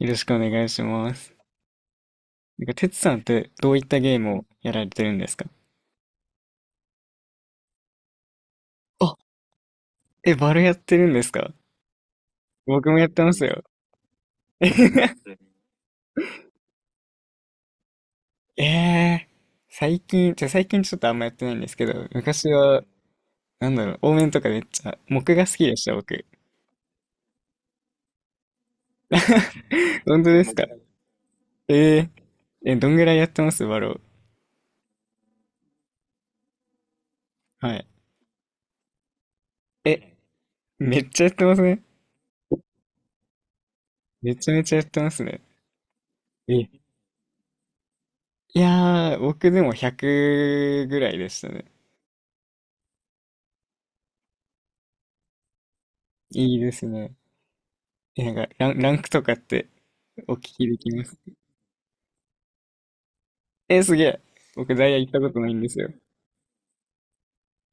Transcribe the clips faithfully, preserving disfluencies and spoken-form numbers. よろしくお願いします。なんか、てつさんってどういったゲームをやられてるんですか？あ、え、バルやってるんですか？僕もやってますよ。ええ。最近、じゃあ最近ちょっとあんまやってないんですけど、昔は、なんだろう、オーメンとかめっちゃ、木が好きでした、僕。本当ですか？ええ。え、どんぐらいやってますバロー。はい。え、めっちゃやってますね。めちゃめちゃやってますね。え、いやー、僕でもひゃくぐらいでしたね。いいですね。え、なんかラン、ランクとかってお聞きできます。えー、すげえ。僕、ダイヤ行ったことないんですよ。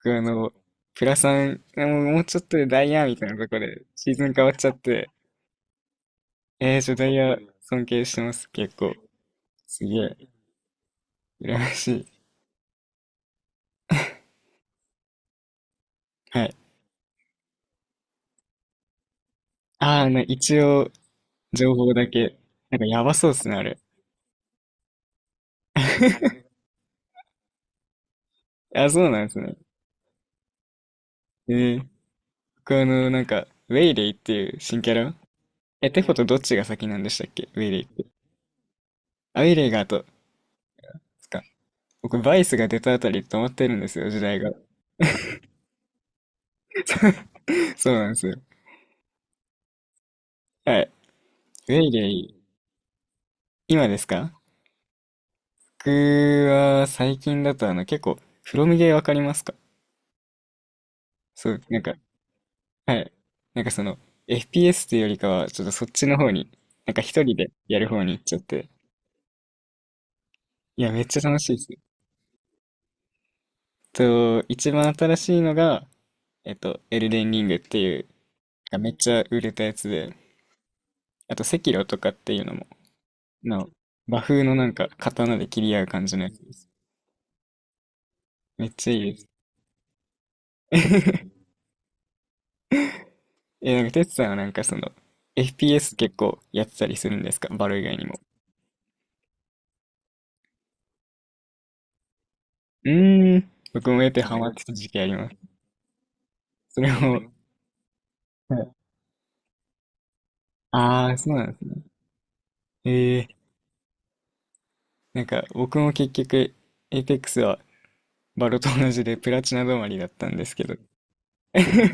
僕、あの、プラさん、あもうもうちょっとでダイヤみたいなとこで、シーズン変わっちゃって、えー、ちょ、ダイヤ尊敬してます、結構。すげえ、羨ましい。はい。ああ、な、一応、情報だけ。なんか、やばそうっすね、あれ。あ、そうなんですね。えー、僕、あの、なんか、ウェイレイっていう新キャラ。え、テフォとどっちが先なんでしたっけウェイレイって。あ、ウェイレイが後。ですか？僕、バイスが出たあたり止まってるんですよ、時代が。そうなんですよ。はい。ウェイレイ、今ですか？僕は最近だとあの、結構、フロムゲーわかりますか？そう、なんか、はい。なんかその、エフピーエス っていうよりかは、ちょっとそっちの方に、なんか一人でやる方に行っちゃって。いや、めっちゃ楽しいです。と、一番新しいのが、えっと、エルデンリングっていう、めっちゃ売れたやつで、あと、セキロとかっていうのも、の、和風のなんか刀で切り合う感じのやつです。めっちゃいいです。え、なんか、てつさんはなんかその、エフピーエス 結構やってたりするんですかバロ以外にも。うーん。僕もやってハマってた時期あります。それも、はい。ああ、そうなんですね。ええ。なんか、僕も結局、エイペックスはバロと同じでプラチナ止まりだったんですけど。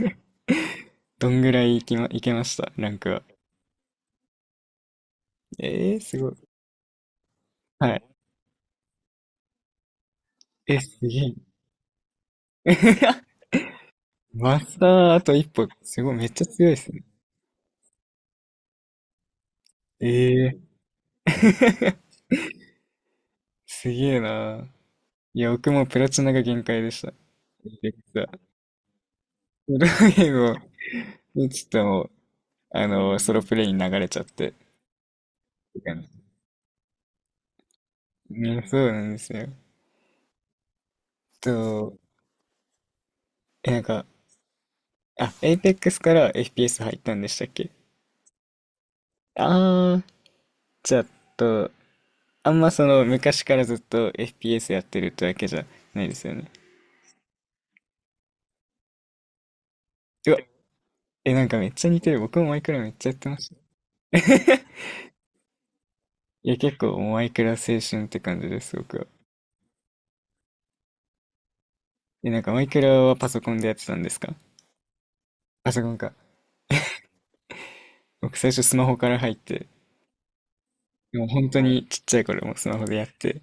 どんぐらいいきま、いけましたランクは。ええすごい。はい。え、すげえ。マスターあと一歩。すごい、めっちゃ強いですね。ええ。 すげえな。いや、僕もプラチナが限界でした。限界でさ、ソロゲームを打つともう、あの、ソロプレイに流れちゃって、って感じ。ね、そうなんですよ。と、え、なんか、あ、エイペックスから エフピーエス 入ったんでしたっけ？あー、じゃあ、と、あんまその、昔からずっと エフピーエス やってるってわけじゃないですよね。うわ、え、なんかめっちゃ似てる。僕もマイクラめっちゃやってました。いや、結構もうマイクラ青春って感じです、僕は。え、なんかマイクラはパソコンでやってたんですか？パソコンか。僕最初スマホから入って、でも本当にちっちゃい頃もスマホでやって、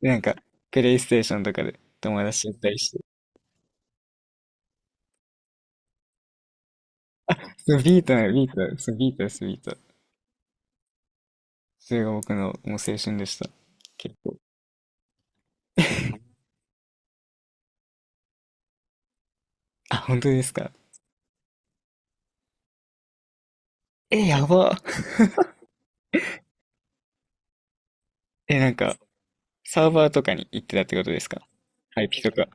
で、なんか、プレイステーションとかで友達とやったりして、そう、ビートなの、ビート、そう、ビートです、ビート。それが僕のもう青春でした。結構。あ、本当ですか？え、やば。え、なんか、サーバーとかに行ってたってことですか？ アイピー とか。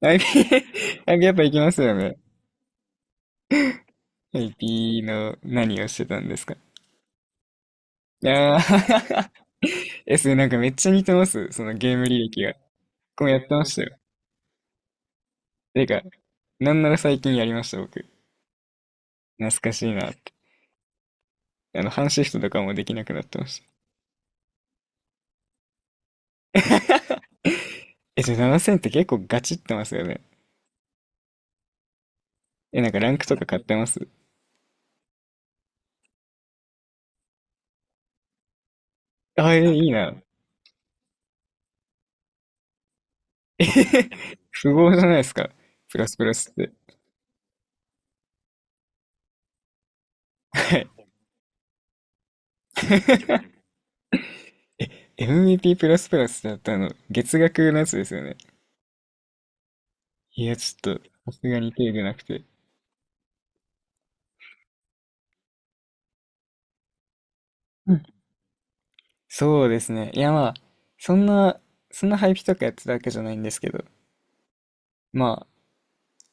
IP、IP やっぱ行きますよね。アイピー の何をしてたんですか？いやー。 え、それなんかめっちゃ似てます。そのゲーム履歴が。僕もやってましたよ。てか、なんなら最近やりました、僕。懐かしいなって。あの、半シフトとかもできなくなってました。え、じゃあななせんって結構ガチってますよね。え、なんかランクとか買ってます？あ、え、いいな。えへへ。富豪じゃないですか。プラスプラスって。はい。え、エムブイピー プラスプラスだったあの、月額のやつですよね。いや、ちょっと、さすがに手出なくて。うん、そうですね。いや、まあ、そんな、そんなハイピとかやってたわけじゃないんですけど、まあ、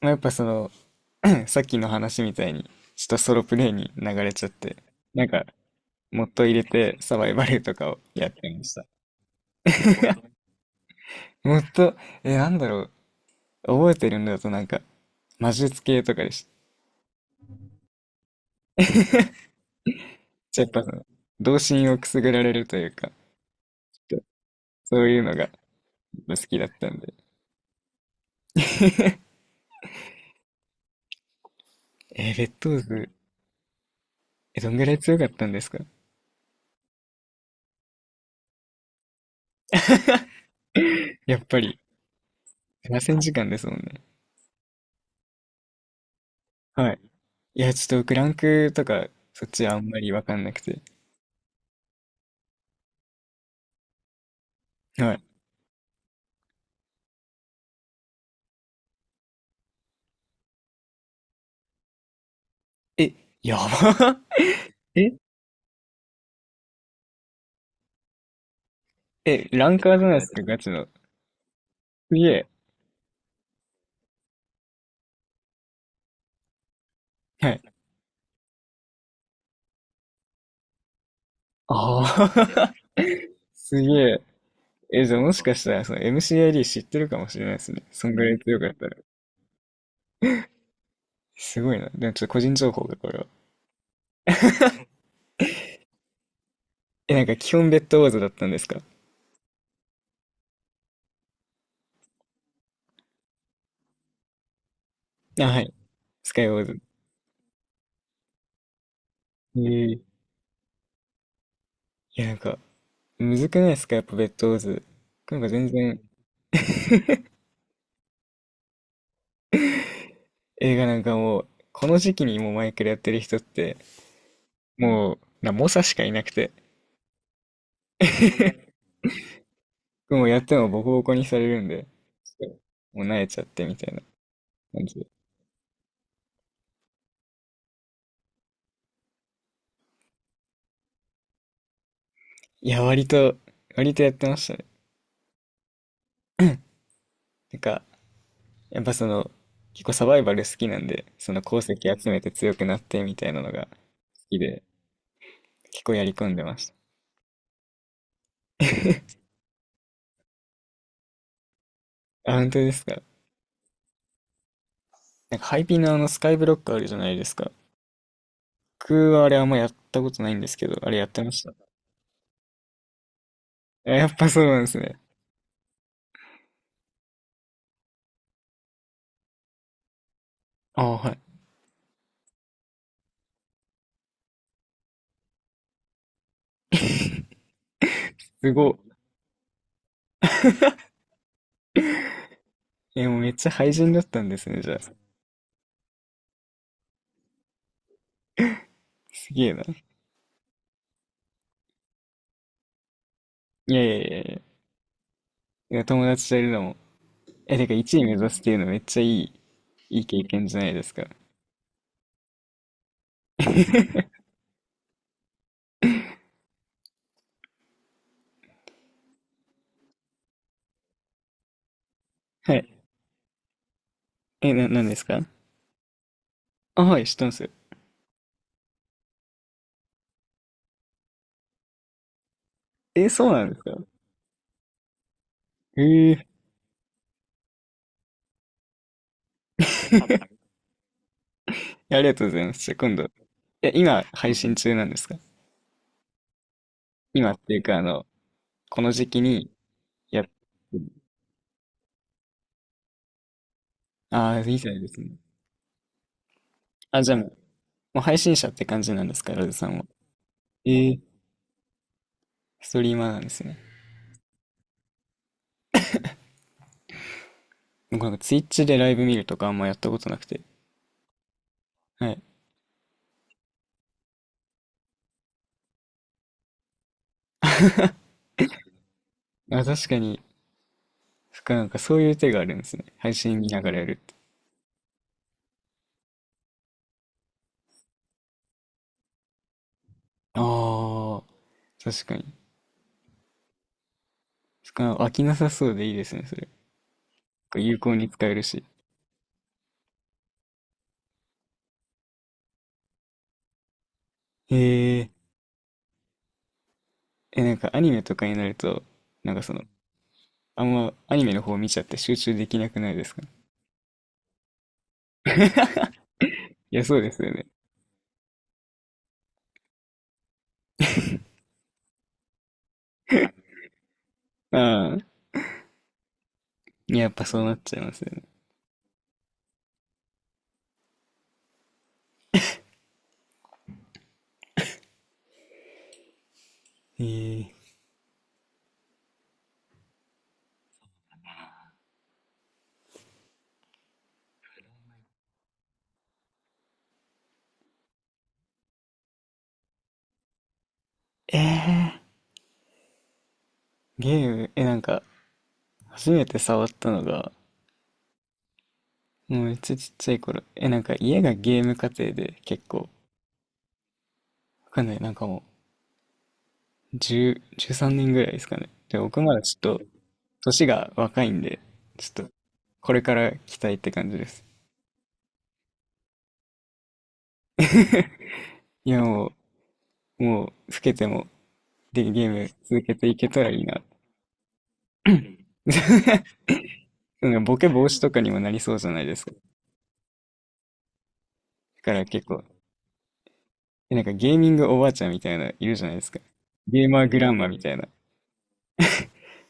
まあ、やっぱその、さっきの話みたいに、ちょっとソロプレイに流れちゃって、なんか、モッド入れてサバイバルとかをやってました。モッド、え、なんだろう、覚えてるんだとなんか、魔術系とかでした。じゃあやっぱその、童心をくすぐられるというか、ちょっとそういうのが好きだったんで。えー、ベッドオーズ、え、どんぐらい強かったんですか？やっぱり、ななせんじかんですもんね。はい。いや、ちょっとクランクとか、そっちはあんまりわかんなくて。はい。え、やば。え、え、ランカーじゃないですか、ガチの。すげえ。はい。ああ。すげえ。え、じゃあもしかしたら、その エムシーアイディー 知ってるかもしれないですね。そんぐらい強かったら。すごいな。でもちょっと個人情報がこれは。え、なんか基本ベッドウォーズだったんですか？あ、はい。スカイウォーズ。えー。いや、なんか、むずくないですかやっぱベッドウォーズ。なんか全然、映画なんかもう、この時期にもうマイクラやってる人って、もう、な、猛者しかいなくて。僕もうやってもボコボコにされるんで、ちょっともう慣れちゃってみたいな感じで。いや、割と、割とやってましたね。なんか、やっぱその、結構サバイバル好きなんで、その鉱石集めて強くなってみたいなのが好きで、結構やり込んでました。あ、本当ですか。なんかハイピーのあのスカイブロックあるじゃないですか。僕はあれあんまやったことないんですけど、あれやってました。えやっぱそうなんですね。あ、はい。すごい。え、もうめっちゃ廃人だったんですね、じゃあ。すげえな。いやいやいやいや。いや友達といるのもえ、てかいちいめ指すっていうのめっちゃいい、いい経験じゃないですか。はい。え、な、なんですか？あ、はい、知ってますよ。え、そうなんですか？えー、えありがとうございます。じゃあ今度。え、今、配信中なんですか？今っていうか、あの、この時期にやってる。ああ、いいじゃないですね。あ、じゃあもう、もう配信者って感じなんですか、ラズさんは。えー、ストリーマーなんですね。僕なんかツイッチでライブ見るとかあんまやったことなくて。はい。あ、確かに、そっかなんかそういう手があるんですね。配信見ながらやる。ああ、確かに。しかも飽きなさそうでいいですね、それ。こう有効に使えるし。へえ。え、なんかアニメとかになると、なんかその、あんまアニメの方見ちゃって集中できなくないですか？いや、そうですよね。ああ、やっぱそうなっちゃいますよね。へえ。えー、ゲーム、え、なんか、初めて触ったのが、もうめっちゃちっちゃい頃。え、なんか家がゲーム家庭で結構、わかんない、なんかもう、じゅう、さんねんぐらいですかね。で、僕まだちょっと、年が若いんで、ちょっと、これから期待って感じです。いや、もう、もう、老けても、で、ゲーム続けていけたらいいな。なんかボケ防止とかにもなりそうじゃないですか。だから結構、えなんかゲーミングおばあちゃんみたいな、いるじゃないですか。ゲーマーグランマみたいな。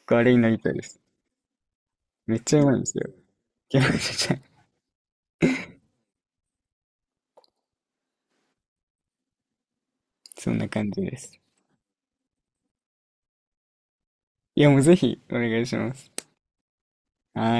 僕あれになりたいです。めっちゃうまいんですよ。ゲーマーちゃん。そんな感じです。いや、もうぜひ、お願いします。はーい。